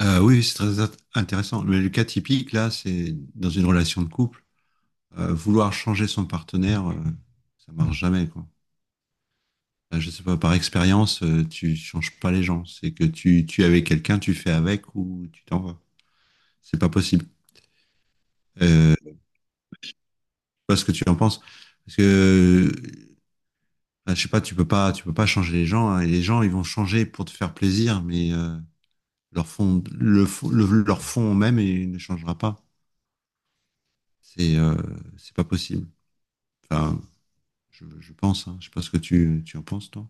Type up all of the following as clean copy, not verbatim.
Oui, oui, c'est très intéressant. Mais le cas typique, là, c'est dans une relation de couple, vouloir changer son partenaire, ça marche jamais, quoi. Je sais pas, par expérience, tu changes pas les gens. C'est que tu es avec quelqu'un, tu fais avec ou tu t'en vas. C'est pas possible. Je sais pas ce que tu en penses. Parce que, bah, je sais pas, tu peux pas, tu peux pas changer les gens, hein. Et les gens, ils vont changer pour te faire plaisir, mais, leur fond, leur fond même, il ne changera pas. C'est euh, c'est pas possible. Enfin, je pense, hein. Je ne sais pas ce que tu en penses, toi.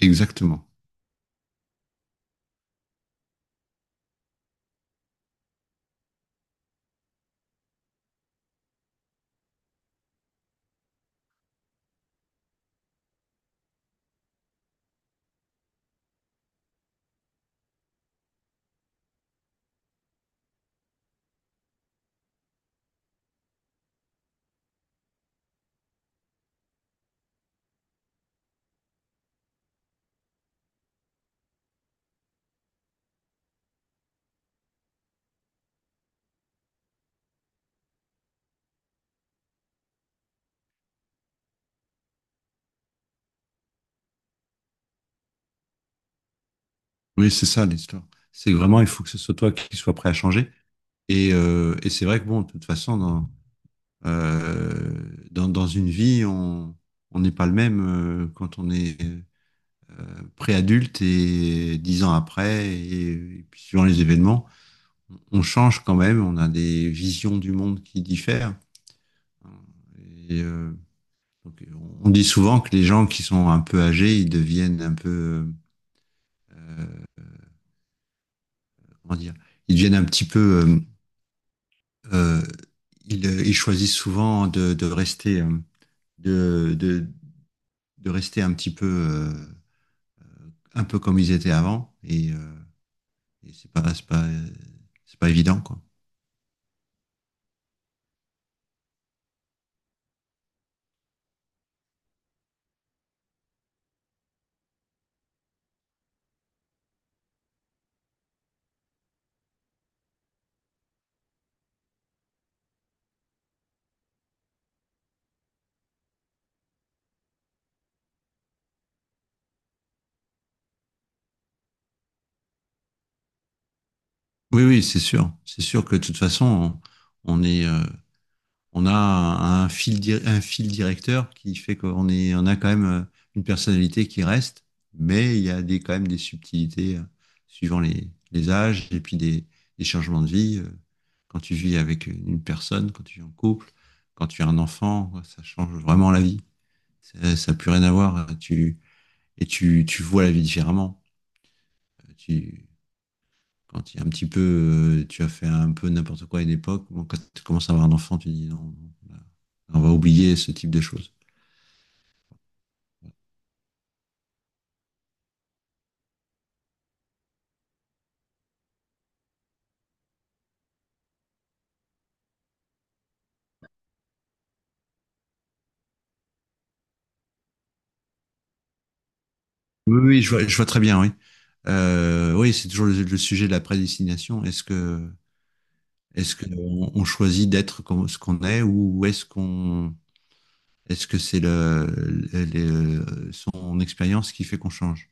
Exactement. Oui, c'est ça l'histoire. C'est vraiment, il faut que ce soit toi qui sois prêt à changer. Et c'est vrai que, bon, de toute façon, euh, dans une vie, on n'est pas le même, quand on est, pré-adulte et 10 ans après, et puis suivant les événements, on change quand même, on a des visions du monde qui diffèrent. Et, euh, donc, on dit souvent que les gens qui sont un peu âgés, ils deviennent un peu, comment dire, ils deviennent un petit peu, euh, euh, ils choisissent souvent de rester, de, de, rester un petit peu, un peu comme ils étaient avant, et c'est pas évident, quoi. Oui, oui, c'est sûr que de toute façon, on est, un fil directeur qui fait qu'on est, on a quand même, une personnalité qui reste, mais il y a quand même des subtilités, suivant les âges et puis des changements de vie. Quand tu vis avec une personne, quand tu vis en couple, quand tu as un enfant, ouais, ça change vraiment la vie. Ça n'a plus rien à voir. Tu vois la vie différemment. Euh, Tu, Quand il y a un petit peu, tu as fait un peu n'importe quoi à une époque, bon, quand tu commences à avoir un enfant, tu dis non, non, on va oublier ce type de choses. Oui, oui, je vois très bien, oui. Oui, c'est toujours le sujet de la prédestination. Est-ce que on, choisit d'être comme ce qu'on est ou est-ce que c'est son expérience qui fait qu'on change?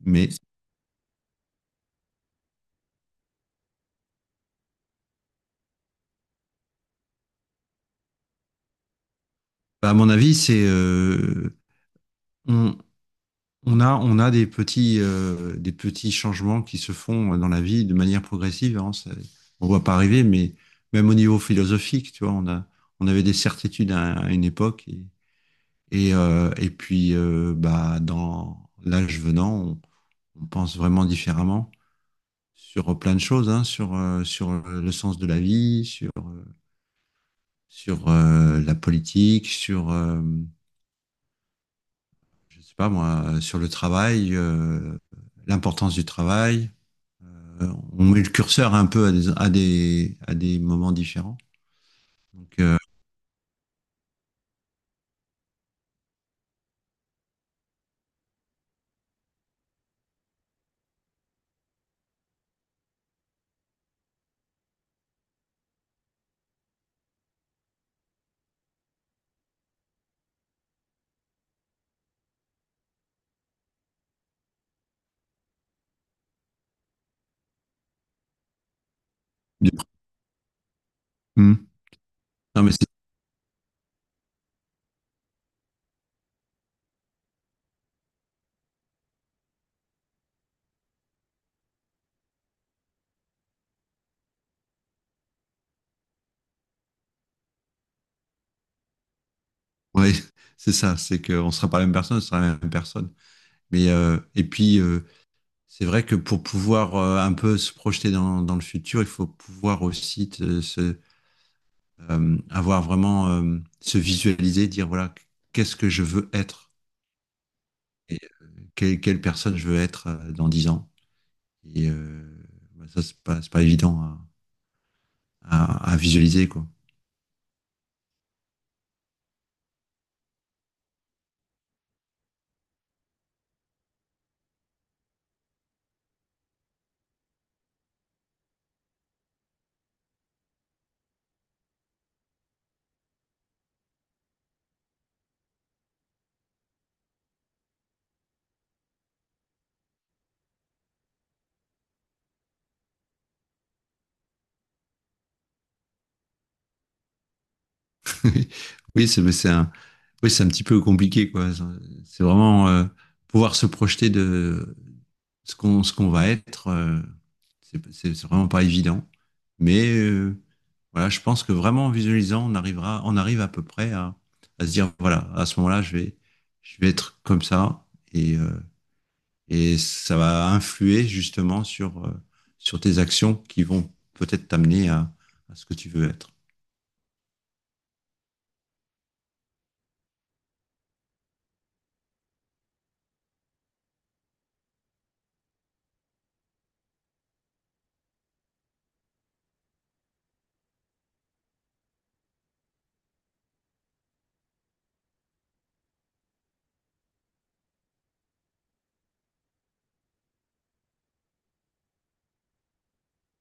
Mais bah, à mon avis, c'est, on, on a des petits changements qui se font dans la vie de manière progressive. Hein, on ne voit pas arriver, mais même au niveau philosophique, tu vois, on avait des certitudes, à une époque. Et puis, bah, dans l'âge venant, on pense vraiment différemment sur plein de choses, hein, sur le sens de la vie, sur, sur la politique, je sais pas moi, sur le travail, l'importance du travail, euh, on met le curseur un peu à à des moments différents. Donc, du- hmm. Non, mais c'est ouais, c'est ça, c'est qu'on ne sera pas la même personne, on sera la même personne. Mais, et puis, c'est vrai que pour pouvoir, un peu se projeter le futur, il faut pouvoir aussi se, avoir vraiment, se visualiser, dire voilà, qu'est-ce que je veux être et quelle personne je veux être, dans 10 ans. Et, bah, ça, c'est pas évident, hein, à visualiser, quoi. Oui, oui, c'est mais c'est un, oui, c'est un petit peu compliqué, quoi. C'est vraiment, pouvoir se projeter de ce qu'on va être. C'est vraiment pas évident. Mais, voilà, je pense que vraiment en visualisant, on arrive à peu près à se dire, voilà, à ce moment-là, je vais être comme ça. Et, euh, et ça va influer justement, sur tes actions qui vont peut-être t'amener, à ce que tu veux être.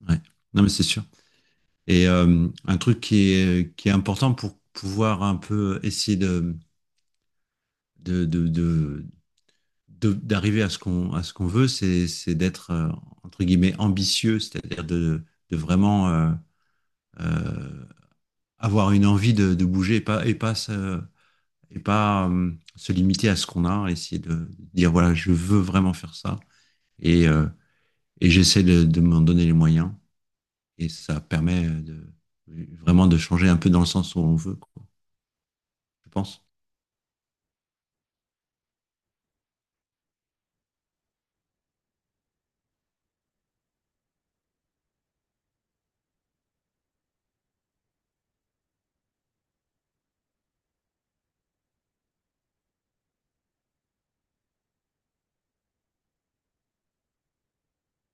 Ouais. Non, mais c'est sûr. Et, un truc qui est important pour pouvoir un peu essayer de, de, de- d'arriver à ce qu'on veut, c'est d'être, entre guillemets, ambitieux, c'est-à-dire de vraiment, euh, avoir une envie de bouger et pas se limiter à ce qu'on a, essayer de dire, voilà, je veux vraiment faire ça. Et, euh, et j'essaie de m'en donner les moyens. Et ça permet vraiment de changer un peu dans le sens où on veut, quoi, je pense.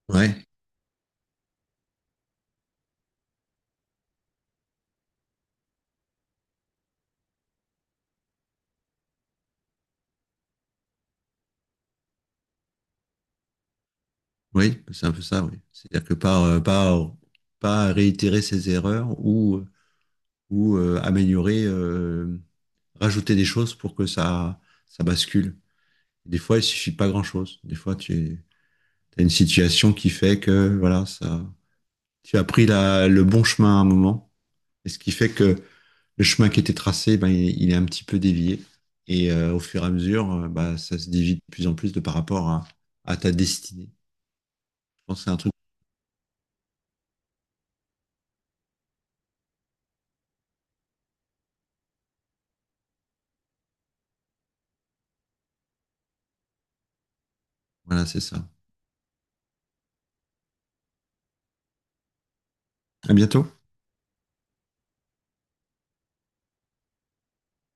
Ouais, oui, c'est un peu ça, oui. C'est-à-dire que pas réitérer ses erreurs, ou, améliorer, rajouter des choses pour que ça bascule. Des fois, il suffit pas grand-chose. Des fois, tu as une situation qui fait que voilà, ça, tu as pris le bon chemin à un moment. Et ce qui fait que le chemin qui était tracé, ben, il est un petit peu dévié. Et, au fur et à mesure, bah, ça se dévie de plus en plus de par rapport, à ta destinée. Je pense que c'est un truc. Voilà, c'est ça. À bientôt.